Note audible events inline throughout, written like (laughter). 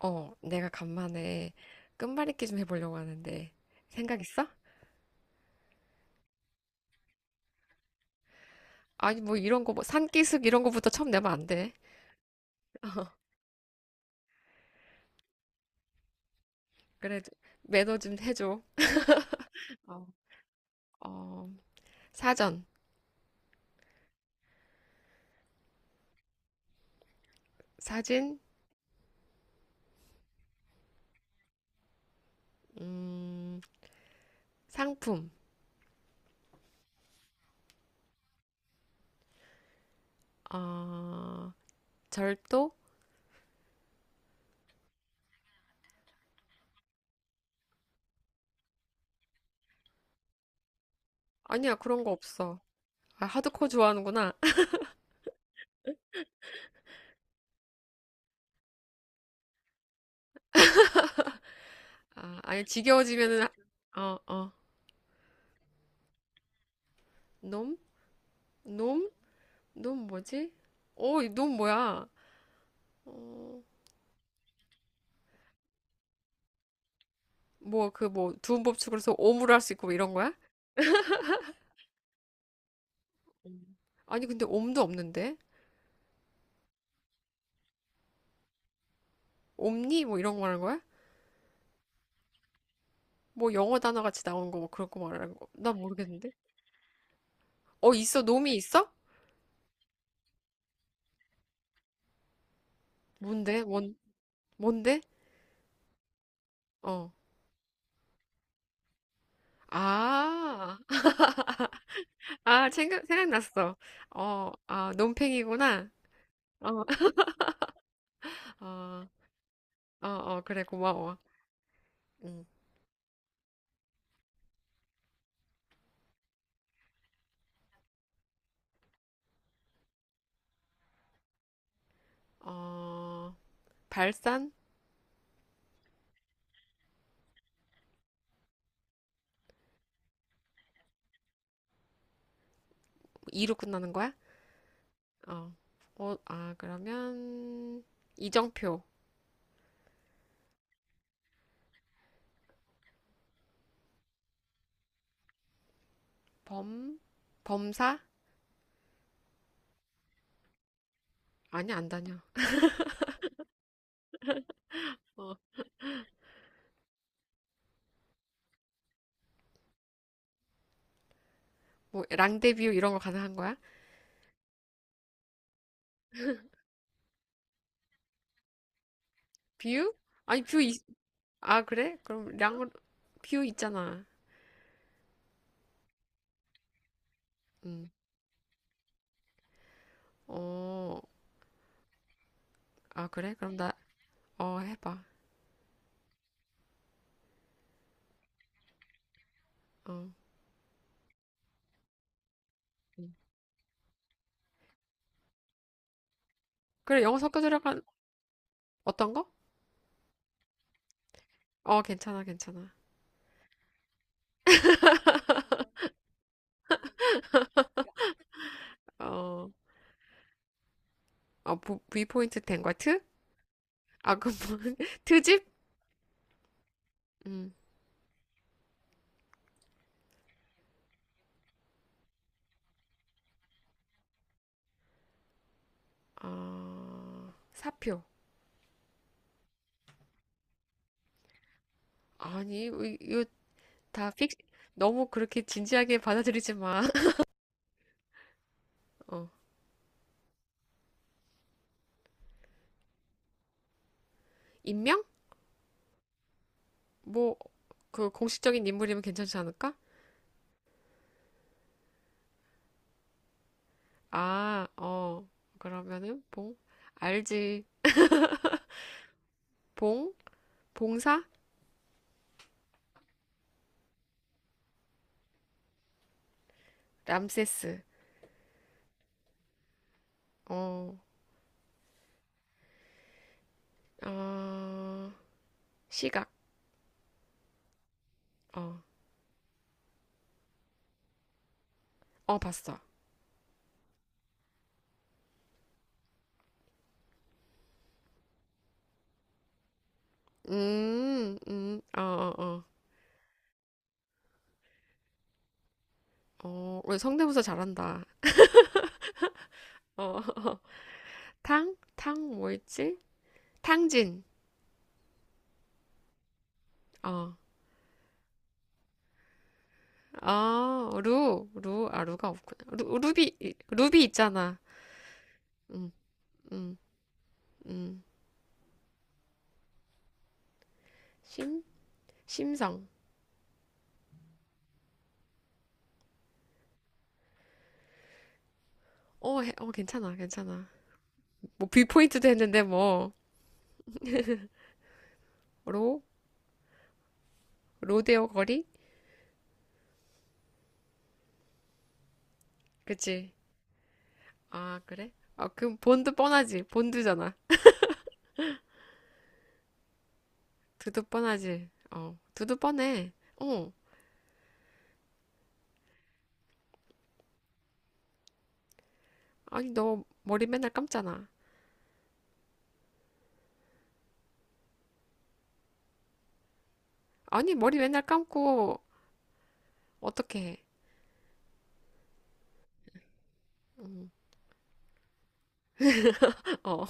어, 내가 간만에 끝말잇기 좀 해보려고 하는데 생각 있어? 아니 뭐 이런 거 뭐 산기슭 이런 거부터 처음 내면 안 돼. (laughs) 어, 그래도 매너 좀 해줘. 어, 어, 사전, 사진, 음, 상품, 어, 절도? 아니야, 그런 거 없어. 아, 하드코어 좋아하는구나. (laughs) 아, 아니 지겨워지면은 어, 어, 놈? 놈? 놈 뭐지? 어, 이놈 뭐야? 어, 뭐 그 뭐 두음법칙으로서 옴을 할 수 있고 뭐 이런 거야? 음. 아니 근데 옴도 없는데 옴니 뭐 이런 거 말하는 거야? 뭐 영어 단어 같이 나오는 거 뭐 그런 거 말하는 거? 난 모르겠는데. 어, 있어, 놈이 있어? 뭔데? 뭔 뭔데? 어. 아, 아, 생각났어. 어, 아, 놈팽이구나. 어, 어, 어, 어, 그래, 고마워. 응. 어, 발산? 뭐 이로 끝나는 거야? 어, 어, 아, 그러면, 이정표. 범, 범사? 아니, 안 다녀. 어. 뭐, 랑데뷰 이런 거 가능한 거야? 뷰? 아니, 뷰, 아, 그래? 그럼 랑, 뷰 있잖아. 응. 어, 아, 그래? 그럼 나, 어, 해봐. 어. 응. 그래, 영어 섞여들어간, 어떤 거? 어, 괜찮아, 괜찮아. 어, 어, V포인트 된 거야? 트? 아, 그 뭐, (laughs) 트집? 응. 어, 사표. 아니, 이거 다 픽, 너무 그렇게 진지하게 받아들이지 마. (laughs) 어. 인명? 뭐, 그 공식적인 인물이면 괜찮지 않을까? 아, 어, 그러면은 봉, 알지, 봉, 봉사, 람세스, 어, 어, 시각, 어, 어, 봤어. 어, 어, 어, 어, 우리 성대모사 잘한다. 어, (laughs) 탕, 탕, 뭐였지? 탕진, 어, 아, 루, 루, 아, 루가 없구나. 루, 루비, 루비 있잖아. 음, 음, 음, 심, 심성. 어, 어, 괜찮아, 괜찮아. 뭐, 뷰포인트도 했는데, 뭐, 로? 로데오 거리? 그치? 아, 그래? 아, 그럼 본드 뻔하지. 본드잖아. 두두 뻔하지. 어, 두두 뻔해. 어, 아니, 너 머리 맨날 감잖아. 아니, 머리 맨날 감고, 어떻게 해? 음, (laughs) 어,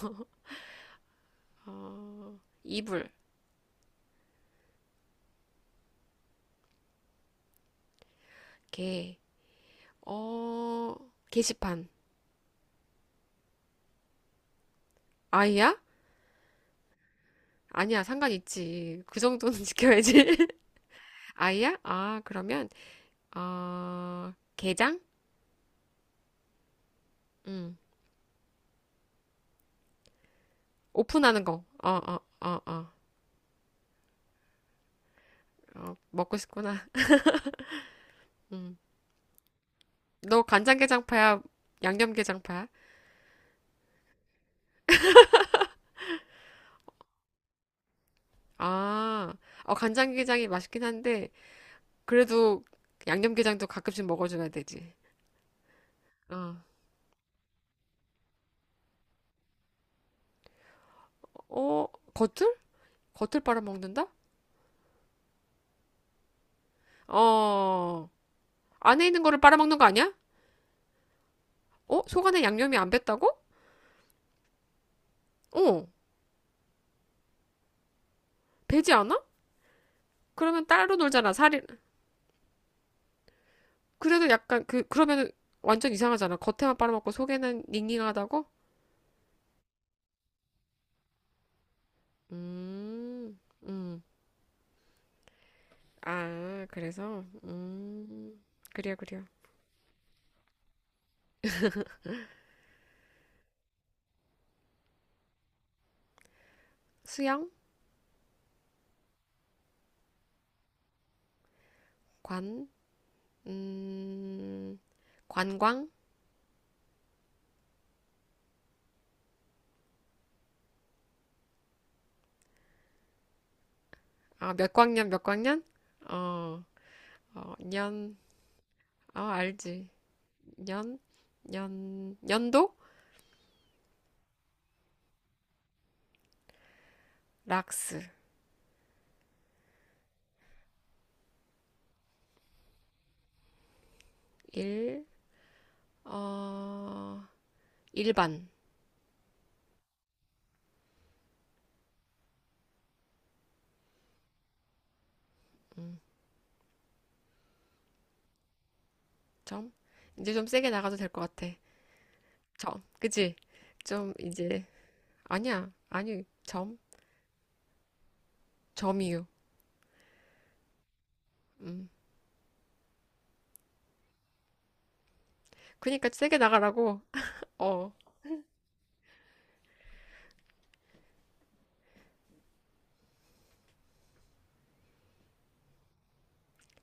어, 이불, 개, 어, 게시판. 아이야? 아니야, 상관 있지. 그 정도는 (laughs) 지켜야지. 아이야? 아, 그러면, 어, 게장? 음. 오픈하는 거. 어, 어, 어, 어. 어, 먹고 싶구나. 음. 너 간장게장파야? 양념게장파야? 아, 어, 간장게장이 맛있긴 한데, 그래도 양념게장도 가끔씩 먹어줘야 되지. 어, 어, 겉을? 겉을 빨아먹는다? 어, 안에 있는 거를 빨아먹는 거 아니야? 어, 속 안에 양념이 안 뱄다고? 어, 배지 않아? 그러면 따로 놀잖아, 살이. 그래도 약간 그러면 완전 이상하잖아. 겉에만 빨아먹고 속에는 닝닝하다고? 음, 음. 아, 그래서, 그래요, 그래요. 수영, 관, 음, 관광? 아, 몇 광년, 몇 광년? 어, 어, 년, 어, 알지. 년, 년, 년도? 락스, 일, 어, 일반, 점. 이제 좀 세게 나가도 될 것 같아. 점, 그치? 좀, 이제, 아니야, 아니, 점, 점이유. 음. 그니까 세게 나가라고. 어,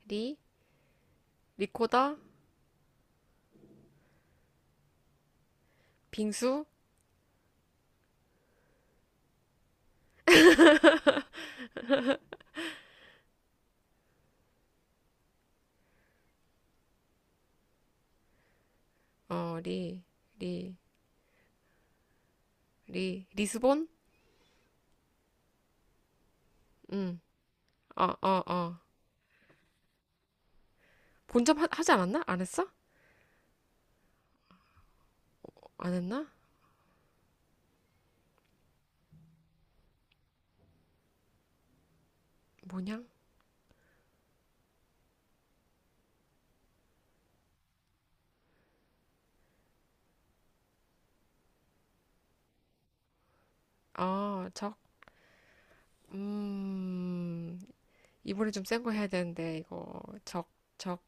리, 리코다, 빙수, 어, 리, 리, 리, 리스본? 응, 어, 어, 어. 본점 하지 않았나? 안 했어? 안 했나? 뭐냐. 아, 적. 음, 이번에 좀 센 거 해야 되는데, 이거. 적, 적,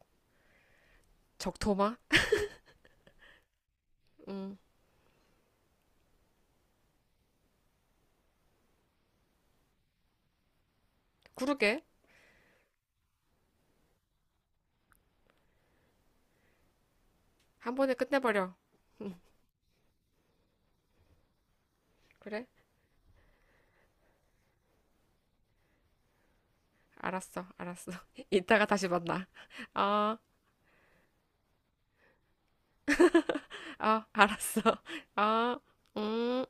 적토마? 음, 그러게. 한 번에 끝내버려. 음, 그래? 알았어, 알았어. (laughs) 이따가 다시 만나. (laughs) 아, 아, 알았어. (laughs) 아, 음.